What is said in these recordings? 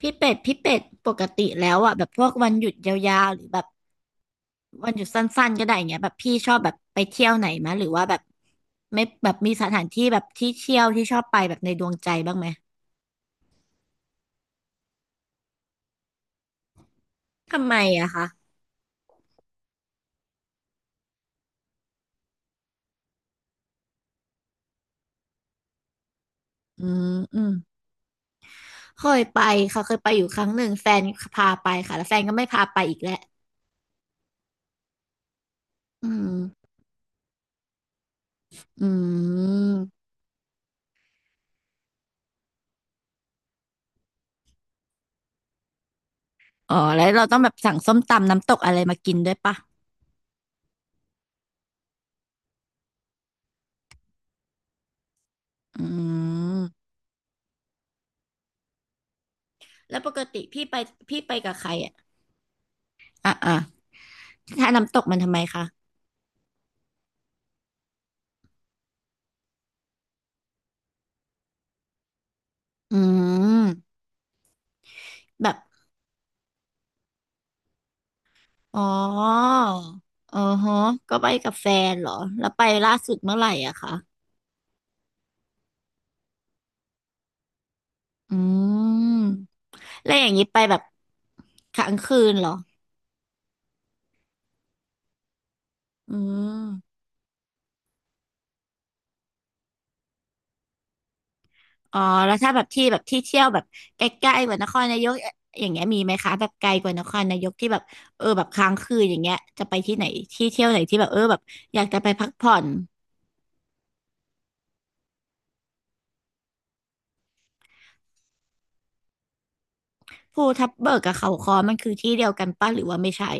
พี่เป็ดพี่เป็ดปกติแล้วอ่ะแบบพวกวันหยุดยาวๆหรือแบบวันหยุดสั้นๆก็ได้อย่างเงี้ยแบบพี่ชอบแบบไปเที่ยวไหนมะหรือว่าแบบไม่แบบมีสถานที่แบบที่เที่ยวที่ชอบไปแบบในดวงใจบ้างไหมทำไมอะคะอืมอืมเคยไปค่ะเคยไปอยู่ครั้งหนึ่งแฟนพาไปค่ะแล้วแฟนก็ไม่พาไปอีกแล้วอืมอืมอ๋อแล้วเราต้องแบบสั่งส้มตำน้ำตกอะไรมากินด้วยปะอืมแล้วปกติพี่ไปพี่ไปกับใครอะอ่ะอ่ะ ถ้าน้ำตกมันทำไมคะอืมแบบ อ๋ออ๋อฮะก็ไปกับแฟนเหรอ แล้วไปล่าสุดเมื่อไหร่อะคะอืมแล้วอย่างนี้ไปแบบค้างคืนเหรออืมอ๋อแล้วถ้าแบบที่แบบที่เที่ยวแบบใกล้ๆกว่านครนายกอย่างเงี้ยมีไหมคะแบบไกลกว่านครนายกที่แบบเออแบบค้างคืนอย่างเงี้ยจะไปที่ไหนที่เที่ยวไหนที่แบบเออแบบอยากจะไปพักผ่อนภูทับเบิกกับเขาค้อมันคือที่เดียวกันป่ะหรือว่าไม่ใช่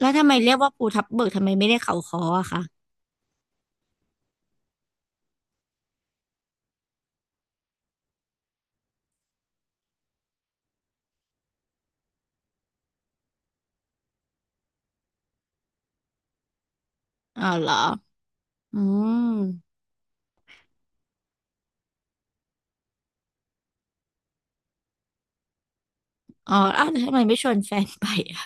แล้วทำไมเรียกว่าภูทับเบิกทำไมไม่ได้เขาค้ออะคะอ๋อเหรออืมอ๋ออ้าวแล้วทำไมไม่ชวนแฟนไปอะ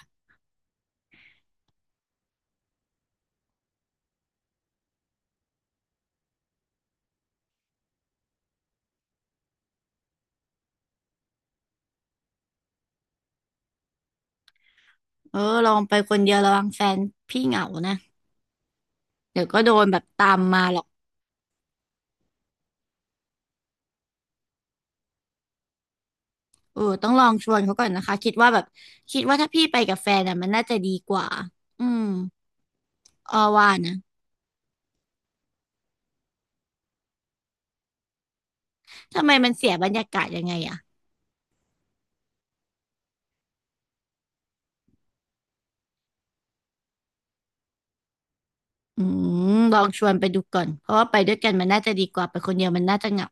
เออลองไปคนเดียวระวังแฟนพี่เหงานะเดี๋ยวก็โดนแบบตามมาหรอกเออต้องลองชวนเขาก่อนนะคะคิดว่าแบบคิดว่าถ้าพี่ไปกับแฟนอะมันน่าจะดีกว่าอืมอ้อว่านะทำไมมันเสียบรรยากาศยังไงอะอืมลองชวนไปดูก่อนเพราะว่าไปด้วยกันมันน่าจะดีกว่าไปคนเดียวมันน่าจะเหงา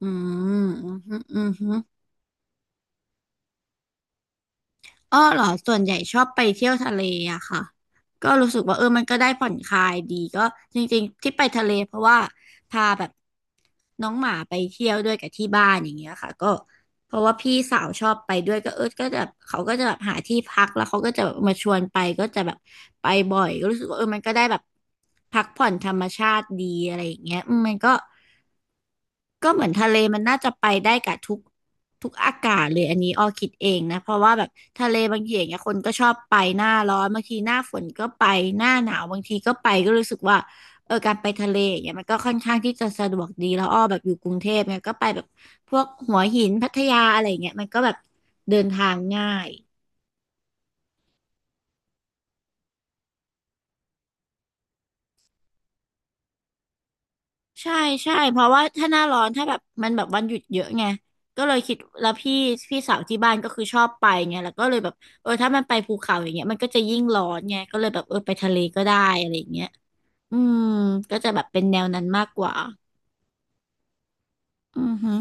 อืมอืมอืม อ้อเหรอส่วนใหญ่ชอบไปเที่ยวทะเลอะค่ะก็รู้สึกว่าเออมันก็ได้ผ่อนคลายดีก็จริงๆที่ไปทะเลเพราะว่าพาแบบน้องหมาไปเที่ยวด้วยกับที่บ้านอย่างเงี้ยค่ะก็เพราะว่าพี่สาวชอบไปด้วยก็เออก็จะแบบเขาก็จะแบบหาที่พักแล้วเขาก็จะแบบมาชวนไปก็จะแบบไปบ่อยก็รู้สึกว่าเออมันก็ได้แบบพักผ่อนธรรมชาติดีอะไรอย่างเงี้ยอืมมันก็ ก็เหมือนทะเลมันน่าจะไปได้กับทุกอากาศเลยอันนี้ออคิดเองนะเพราะว่าแบบทะเลบางทีอย่างเงี้ยคนก็ชอบไปหน้าร้อนบางทีหน้าฝนก็ไปหน้าหนาวบางทีก็ไปก็รู้สึกว่าเออการไปทะเลอย่างเงี้ยมันก็ค่อนข้างที่จะสะดวกดีแล้วอ้อแบบอยู่กรุงเทพเนี่ยก็ไปแบบพวกหัวหินพัทยาอะไรอย่างเงี้ยมันก็แบบเดินทางง่าย ใช่ใช่เพราะว่าถ้าหน้าร้อนถ้าแบบมันแบบวันหยุดเยอะไงก็เลยคิดแล้วพี่สาวที่บ้านก็คือชอบไปไงแล้วก็เลยแบบเออถ้ามันไปภูเขาอย่างเงี้ยมันก็จะยิ่งร้อนไงก็เลยแบบเออไปทะเลก็ได้อะไรอย่างเงี้ยอืมก็จะแบบเป็นแนวนั้นมากกว่าอือฮึ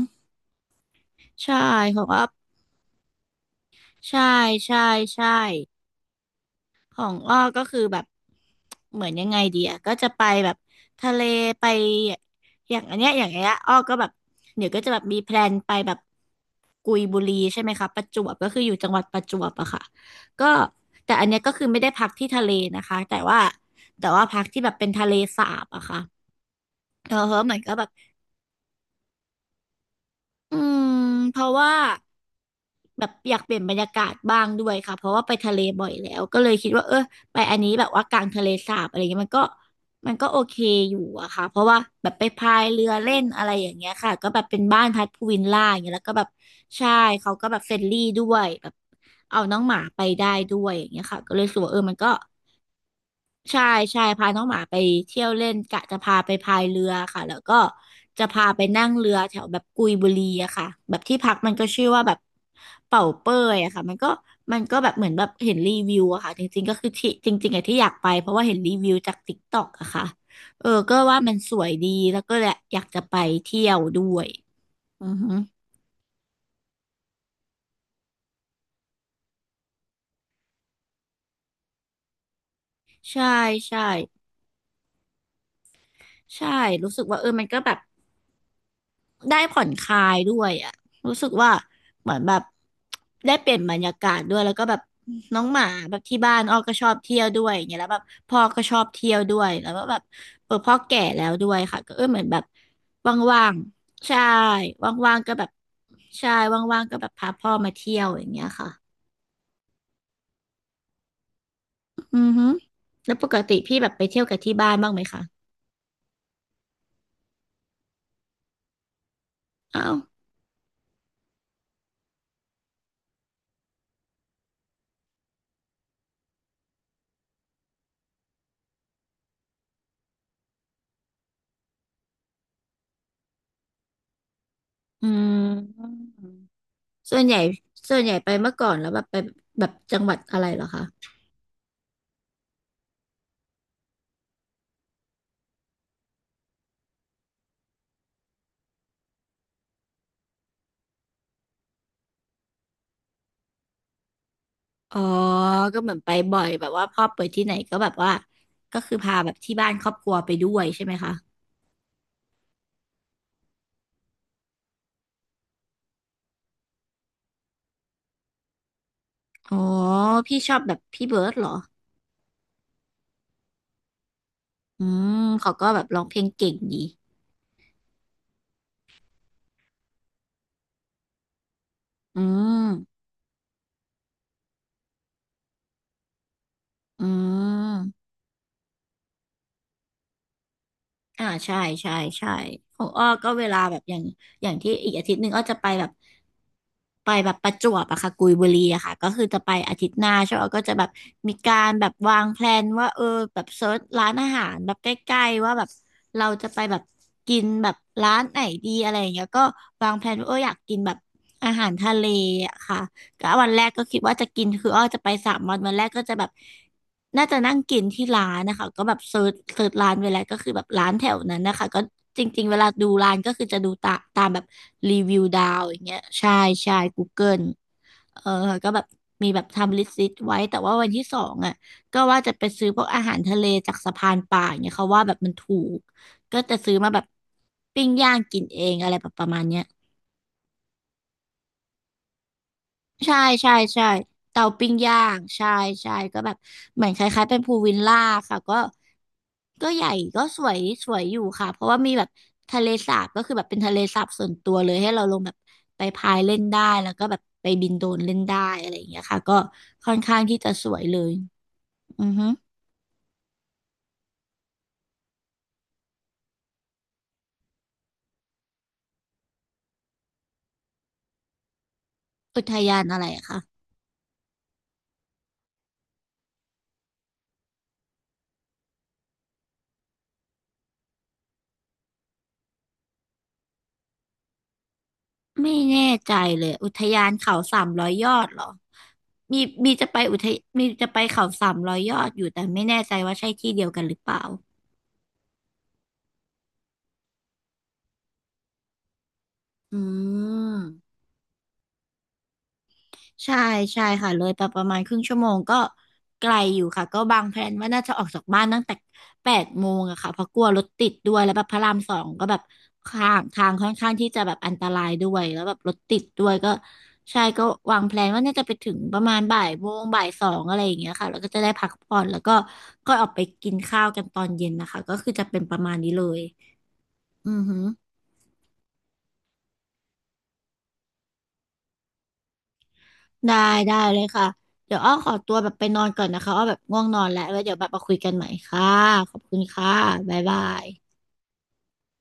ใช่เพราะว่าใช่ใช่ใช่ ของอ้อก็คือแบบเหมือนยังไงดีอะก็จะไปแบบทะเลไปอย่างอันเนี้ยอย่างเงี้ยอ้อก็แบบเดี๋ยวก็จะแบบมีแพลนไปแบบกุยบุรีใช่ไหมคะประจวบก็คืออยู่จังหวัดประจวบอะค่ะก็แต่อันเนี้ยก็คือไม่ได้พักที่ทะเลนะคะแต่ว่าพักที่แบบเป็นทะเลสาบอะค่ะเออเหมือนก็แบบอืมเพราะว่า แบบอยากเปลี่ยนบรรยากาศบ้างด้วยค่ะเพราะว่าไปทะเลบ่อยแล้วก็เลยคิดว่าเออไปอันนี้แบบว่ากลางทะเลสาบอะไรเงี้ยมันก็โอเคอยู่อะค่ะเพราะว่าแบบไปพายเรือเล่นอะไรอย่างเงี้ยค่ะก็แบบเป็นบ้านพักพูวิลล่าอย่างเงี้ยแล้วก็แบบใช่เขาก็แบบเฟรนลี่ด้วยแบบเอาน้องหมาไปได้ด้วยอย่างเงี้ยค่ะก็เลยรู้สึกว่าเออมันก็ ใช่ใช่พาน้องหมาไปเที่ยวเล่นกะจะพาไปพายเรือค่ะแล้วก็จะพาไปนั่งเรือแถวแบบกุยบุรีอะค่ะแบบที่พักมันก็ชื่อว่าแบบเป่าเป้ยอะค่ะมันก็แบบเหมือนแบบเห็นรีวิวอะค่ะจริงๆก็คือที่จริงๆอะที่อยากไปเพราะว่าเห็นรีวิวจากติ๊กต็อกอะค่ะเออก็ว่ามันสวยดีแล้วก็แหละอยากจะไปเที่ยวด้วยอือฮึใช่ใช่ใช่รู้สึกว่าเออมันก็แบบ ได้ผ่อนคลายด้วยอ่ะรู้สึกว่าเหมือนแบบได้เปลี่ยนบรรยากาศด้วย แล้วก็แบบน้องหมาแบบที่บ้านอ้อก็ชอบเที่ยวด้วยอย่างเงี้ยแล้วแบบพ่อก็ชอบเที่ยวด้วยแล้วก็แบบเออพ่อแก่แล้วด้วยค่ะก็เออเหมือนแบบว่างๆ ใช่ว่างๆก็แบบใช่ว่างๆก็แบบพาพ่อมาเที่ยวอย่างเงี้ยค่ะอือฮึแล้วปกติพี่แบบไปเที่ยวกับที่บ้านบ้างไหมคะอ้าวอืมส่วนใหญ่ส่วนใหญ่ไปเมื่อก่อนแล้วแบบไปแบบจังหวัดอะไรเหรอคะ อ๋อก็เหมือนไปบ่อยแบบว่าพ่อไปที่ไหนก็แบบว่าก็คือพาแบบที่บ้านครอบครัวไปด้วยใช่ไหมคะอ๋อพี่ชอบแบบพี่เบิร์ดเหรออืมเขาก็แบบร้องเพลงเก่งดีอืมอืมอ่าใช่ใช่ใช่ของอ้อก็เวลาแบบอย่างอย่างที่อีกอาทิตย์หนึ่งอ้อจะไปแบบ ไปแบบประจวบอะค่ะกุยบุรีอะค่ะก็คือจะไปอาทิตย์หน้าใช่ไหมก็จะแบบมีการแบบวางแพลนว่าเออแบบเซิร์ชร้านอาหารแบบใกล้ๆว่าแบบเราจะไปแบบกินแบบร้านไหนดีอะไรอย่างเงี้ยก็วางแพลนว่าเอออยากกินแบบอาหารทะเลอะค่ะ ก็วันแรกก็คิดว่าจะกินคืออ้อจะไป3 วันวันแรกก็จะแบบน่าจะนั่งกินที่ร้านนะคะก็แบบเซิร์ชร้านไว้แล้วก็คือแบบร้านแถวนั้นนะคะก็จริงๆเวลาดูร้านก็คือจะดูตามแบบรีวิวดาวอย่างเงี้ยใช่ใช่ Google เออก็แบบมีแบบทำลิสต์ไว้แต่ว่าวันที่สองอ่ะก็ว่าจะไปซื้อพวกอาหารทะเลจากสะพานป่าอย่างเงี้ยเขาว่าแบบมันถูกก็จะซื้อมาแบบปิ้งย่างกินเองอะไรแบบประมาณเนี้ย ใช่ใช่ใช่เตาปิ้งย่างใช่ใช่ก็แบบเหมือนคล้ายๆเป็นพูลวิลล่าค่ะก็ก็ใหญ่ก็สวยสวยอยู่ค่ะเพราะว่ามีแบบทะเลสาบก็คือแบบเป็นทะเลสาบส่วนตัวเลยให้เราลงแบบไปพายเล่นได้แล้วก็แบบไปบินโดรนเล่นได้อะไรอย่างเงี้ยค่ะก็ค่อนข้างที่จะสวยเลยอือฮึอุทยานอะไรอะคะไม่แน่ใจเลยอุทยานเขาสามร้อยยอดเหรอมีมีจะไปอุทยมีจะไปเขาสามร้อยยอดอยู่แต่ไม่แน่ใจว่าใช่ที่เดียวกันหรือเปล่า อืมใช่ใช่ค่ะเลยไปประมาณครึ่งชั่วโมงก็ไกลอยู่ค่ะก็บางแพลนว่าน่าจะออกจากบ้านตั้งแต่8 โมงอะค่ะเพราะกลัวรถติดด้วยแล้วแบบพระราม 2ก็แบบทางค่อนข้างที่จะแบบอันตรายด้วยแล้วแบบรถติดด้วยก็ใช่ก็วางแพลนว่าน่าจะไปถึงประมาณบ่ายโมงบ่าย 2อะไรอย่างเงี้ยค่ะแล้วก็จะได้พักผ่อนแล้วก็ก็ออกไปกินข้าวกันตอนเย็นนะคะก็คือจะเป็นประมาณนี้เลยอือหือ ได้ได้เลยค่ะ เดี๋ยวอ้อขอตัวแบบไปนอนก่อนนะคะอ้อแบบง่วงนอนแล้วแล้วเดี๋ยวแบบมาคุยกันใหม่ค่ะขอบคุณค่ะบ๊ายบาย